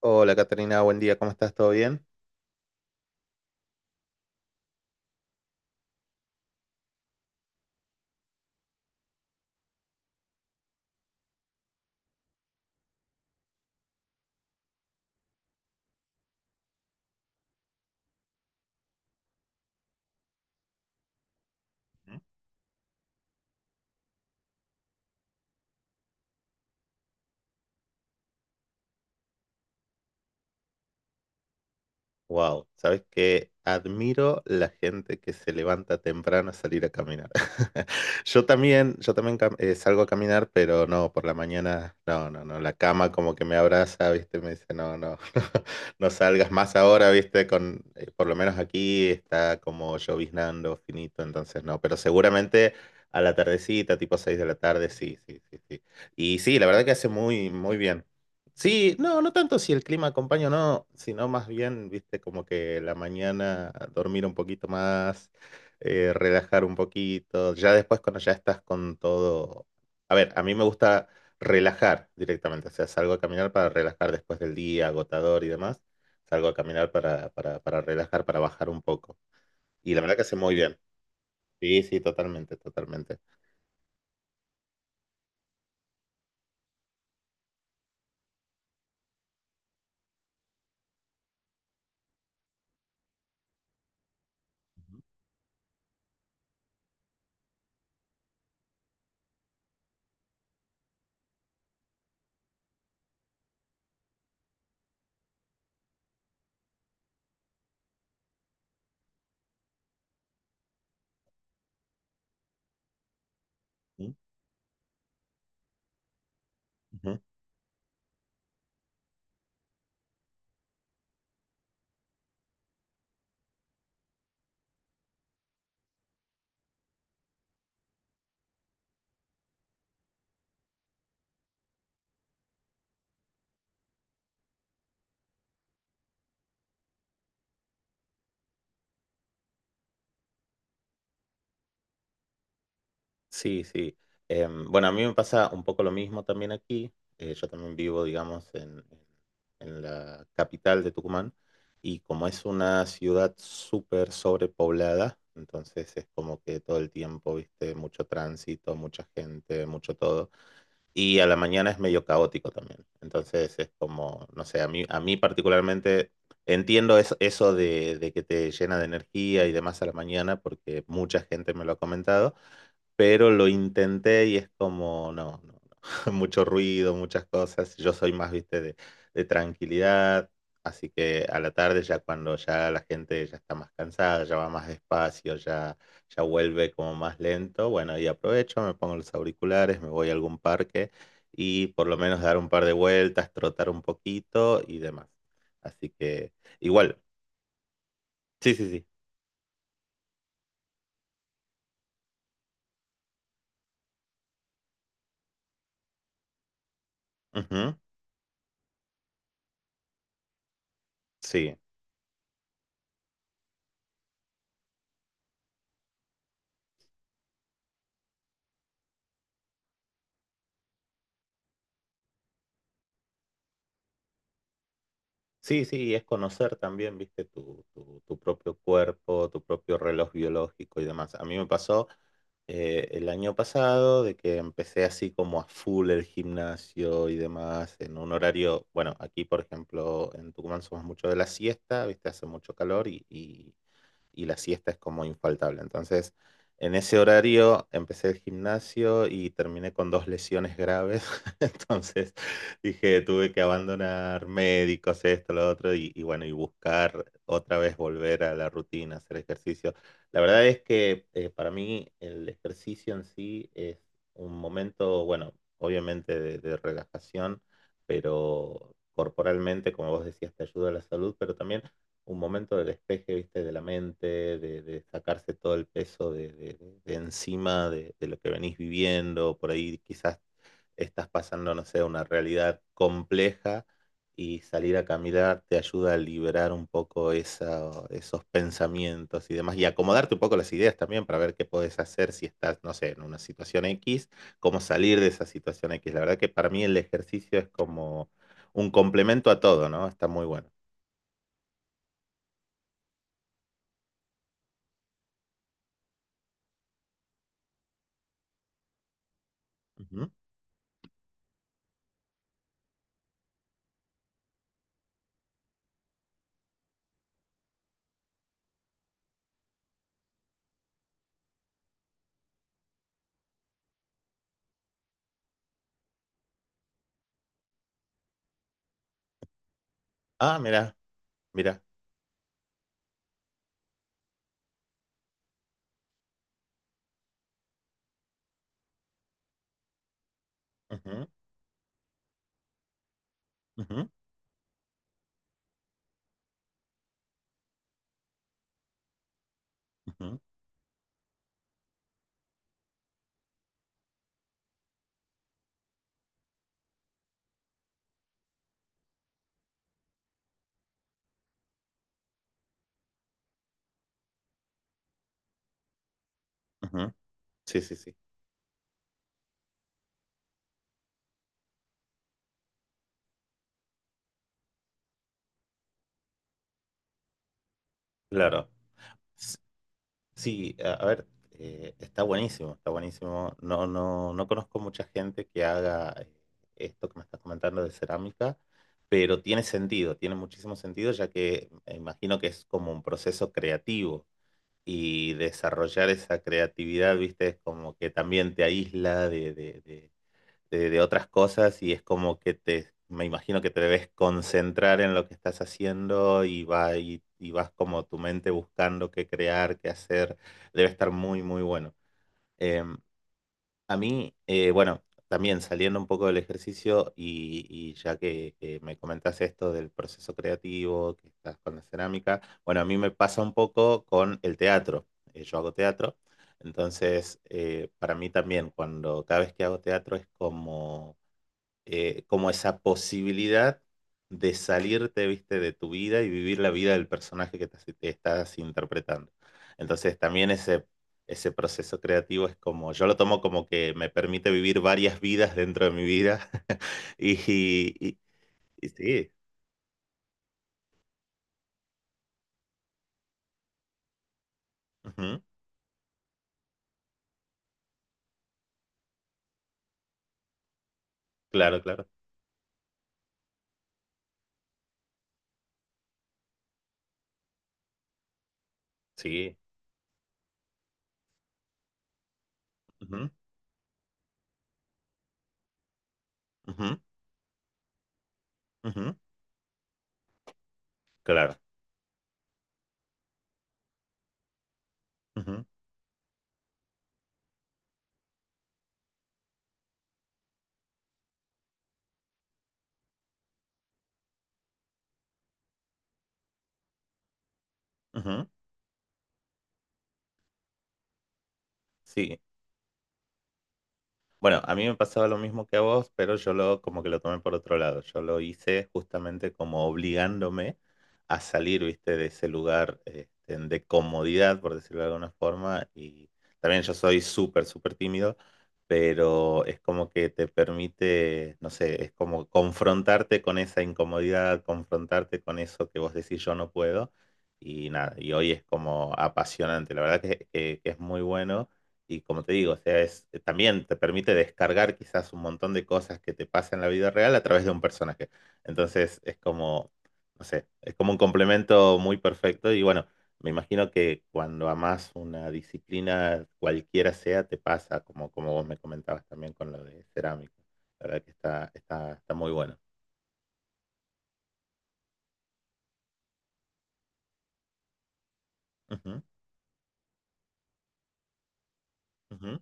Hola, Caterina, buen día, ¿cómo estás? ¿Todo bien? Wow, sabes que admiro la gente que se levanta temprano a salir a caminar. Yo también salgo a caminar, pero no, por la mañana, no, no, no, la cama como que me abraza, ¿viste? Me dice, no, no, no, salgas más ahora, ¿viste? Con, por lo menos aquí está como lloviznando finito, entonces no, pero seguramente a la tardecita, tipo 6 de la tarde, sí, sí, sí, sí. Y sí, la verdad que hace muy, muy bien. Sí, no, no tanto si el clima acompaña o no, sino más bien, viste, como que la mañana dormir un poquito más, relajar un poquito, ya después cuando ya estás con todo. A ver, a mí me gusta relajar directamente, o sea, salgo a caminar para relajar después del día agotador y demás, salgo a caminar para relajar, para bajar un poco. Y la verdad que hace muy bien. Sí, sí, totalmente, totalmente. Ujú. Sí, sí. Bueno, a mí me pasa un poco lo mismo también aquí. Yo también vivo, digamos, en la capital de Tucumán y como es una ciudad súper sobrepoblada, entonces es como que todo el tiempo, viste, mucho tránsito, mucha gente, mucho todo y a la mañana es medio caótico también. Entonces es como, no sé, a mí particularmente entiendo eso de que te llena de energía y demás a la mañana porque mucha gente me lo ha comentado, pero lo intenté y es como, no, no, no. Mucho ruido, muchas cosas. Yo soy más, viste, de tranquilidad. Así que a la tarde ya cuando ya la gente ya está más cansada, ya va más despacio, ya vuelve como más lento. Bueno, y aprovecho, me pongo los auriculares, me voy a algún parque y por lo menos dar un par de vueltas, trotar un poquito y demás. Así que igual, sí, sí, sí. Ujú. Sí, sí, sí, y es conocer también, viste, tu propio cuerpo, tu propio reloj biológico y demás. A mí me pasó el año pasado, de que empecé así como a full el gimnasio y demás, en un horario, bueno, aquí por ejemplo en Tucumán somos mucho de la siesta, viste, hace mucho calor y la siesta es como infaltable. Entonces, en ese horario empecé el gimnasio y terminé con dos lesiones graves. Entonces dije, tuve que abandonar médicos, esto, lo otro, y bueno, y buscar otra vez volver a la rutina, hacer ejercicio. La verdad es que para mí el ejercicio en sí es un momento, bueno, obviamente de relajación, pero corporalmente, como vos decías, te ayuda a la salud, pero también un momento del despeje, ¿viste? De la mente, de sacarse todo el peso de, de encima de lo que venís viviendo. Por ahí quizás estás pasando, no sé, una realidad compleja y salir a caminar te ayuda a liberar un poco esos pensamientos y demás, y acomodarte un poco las ideas también para ver qué podés hacer si estás, no sé, en una situación X, cómo salir de esa situación X. La verdad que para mí el ejercicio es como un complemento a todo, ¿no? Está muy bueno. Ujú. Ah, mira. Mira. Ujú, ujú, ujú, ujú. Sí, sí, sí. Claro. S- Sí, a ver, está buenísimo, está buenísimo. No, no, no conozco mucha gente que haga esto que me estás comentando de cerámica, pero tiene sentido, tiene muchísimo sentido, ya que me imagino que es como un proceso creativo y desarrollar esa creatividad, viste, es como que también te aísla de otras cosas y es como que te, me imagino que te debes concentrar en lo que estás haciendo y, va, y vas como tu mente buscando qué crear, qué hacer. Debe estar muy, muy bueno. Em, a mí, bueno, también saliendo un poco del ejercicio y ya que me comentas esto del proceso creativo, que estás con la cerámica, bueno, a mí me pasa un poco con el teatro. Yo hago teatro. Entonces, para mí también, cuando cada vez que hago teatro es como como esa posibilidad de salirte, viste, de tu vida y vivir la vida del personaje que estás interpretando. Entonces también ese proceso creativo es como, yo lo tomo como que me permite vivir varias vidas dentro de mi vida y, y sí, ujú, claro, claro, sí, ujú, ujú, ujú, claro, ujú, ujú, sí. Bueno, a mí me pasaba lo mismo que a vos, pero yo lo como que lo tomé por otro lado. Yo lo hice justamente como obligándome a salir, viste, de ese lugar este, de comodidad, por decirlo de alguna forma. Y también yo soy súper, súper tímido, pero es como que te permite, no sé, es como confrontarte con esa incomodidad, confrontarte con eso que vos decís yo no puedo. Y nada, y hoy es como apasionante. La verdad que que es muy bueno. Y como te digo, o sea, es, también te permite descargar quizás un montón de cosas que te pasan en la vida real a través de un personaje. Entonces es como, no sé, es como un complemento muy perfecto. Y bueno, me imagino que cuando amas una disciplina, cualquiera sea, te pasa, como, como vos me comentabas también con lo de cerámica. La verdad que está, está, está muy bueno. Ujú, ujú,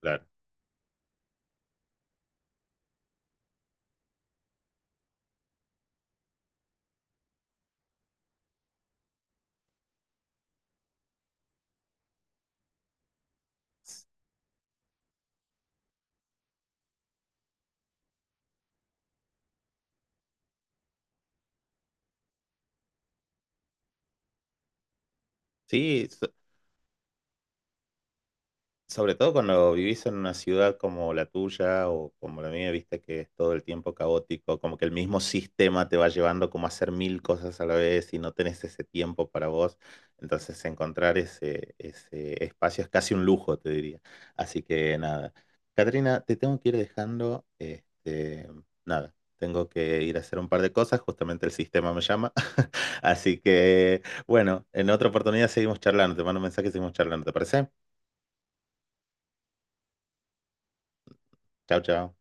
claro. Sí, sobre todo cuando vivís en una ciudad como la tuya o como la mía, viste que es todo el tiempo caótico, como que el mismo sistema te va llevando como a hacer 1000 cosas a la vez y no tenés ese tiempo para vos. Entonces encontrar ese, ese espacio es casi un lujo, te diría. Así que nada. Catrina, te tengo que ir dejando. Este, nada, tengo que ir a hacer un par de cosas, justamente el sistema me llama. Así que bueno, en otra oportunidad seguimos charlando. Te mando un mensaje y seguimos charlando, ¿te parece? Chao, chao.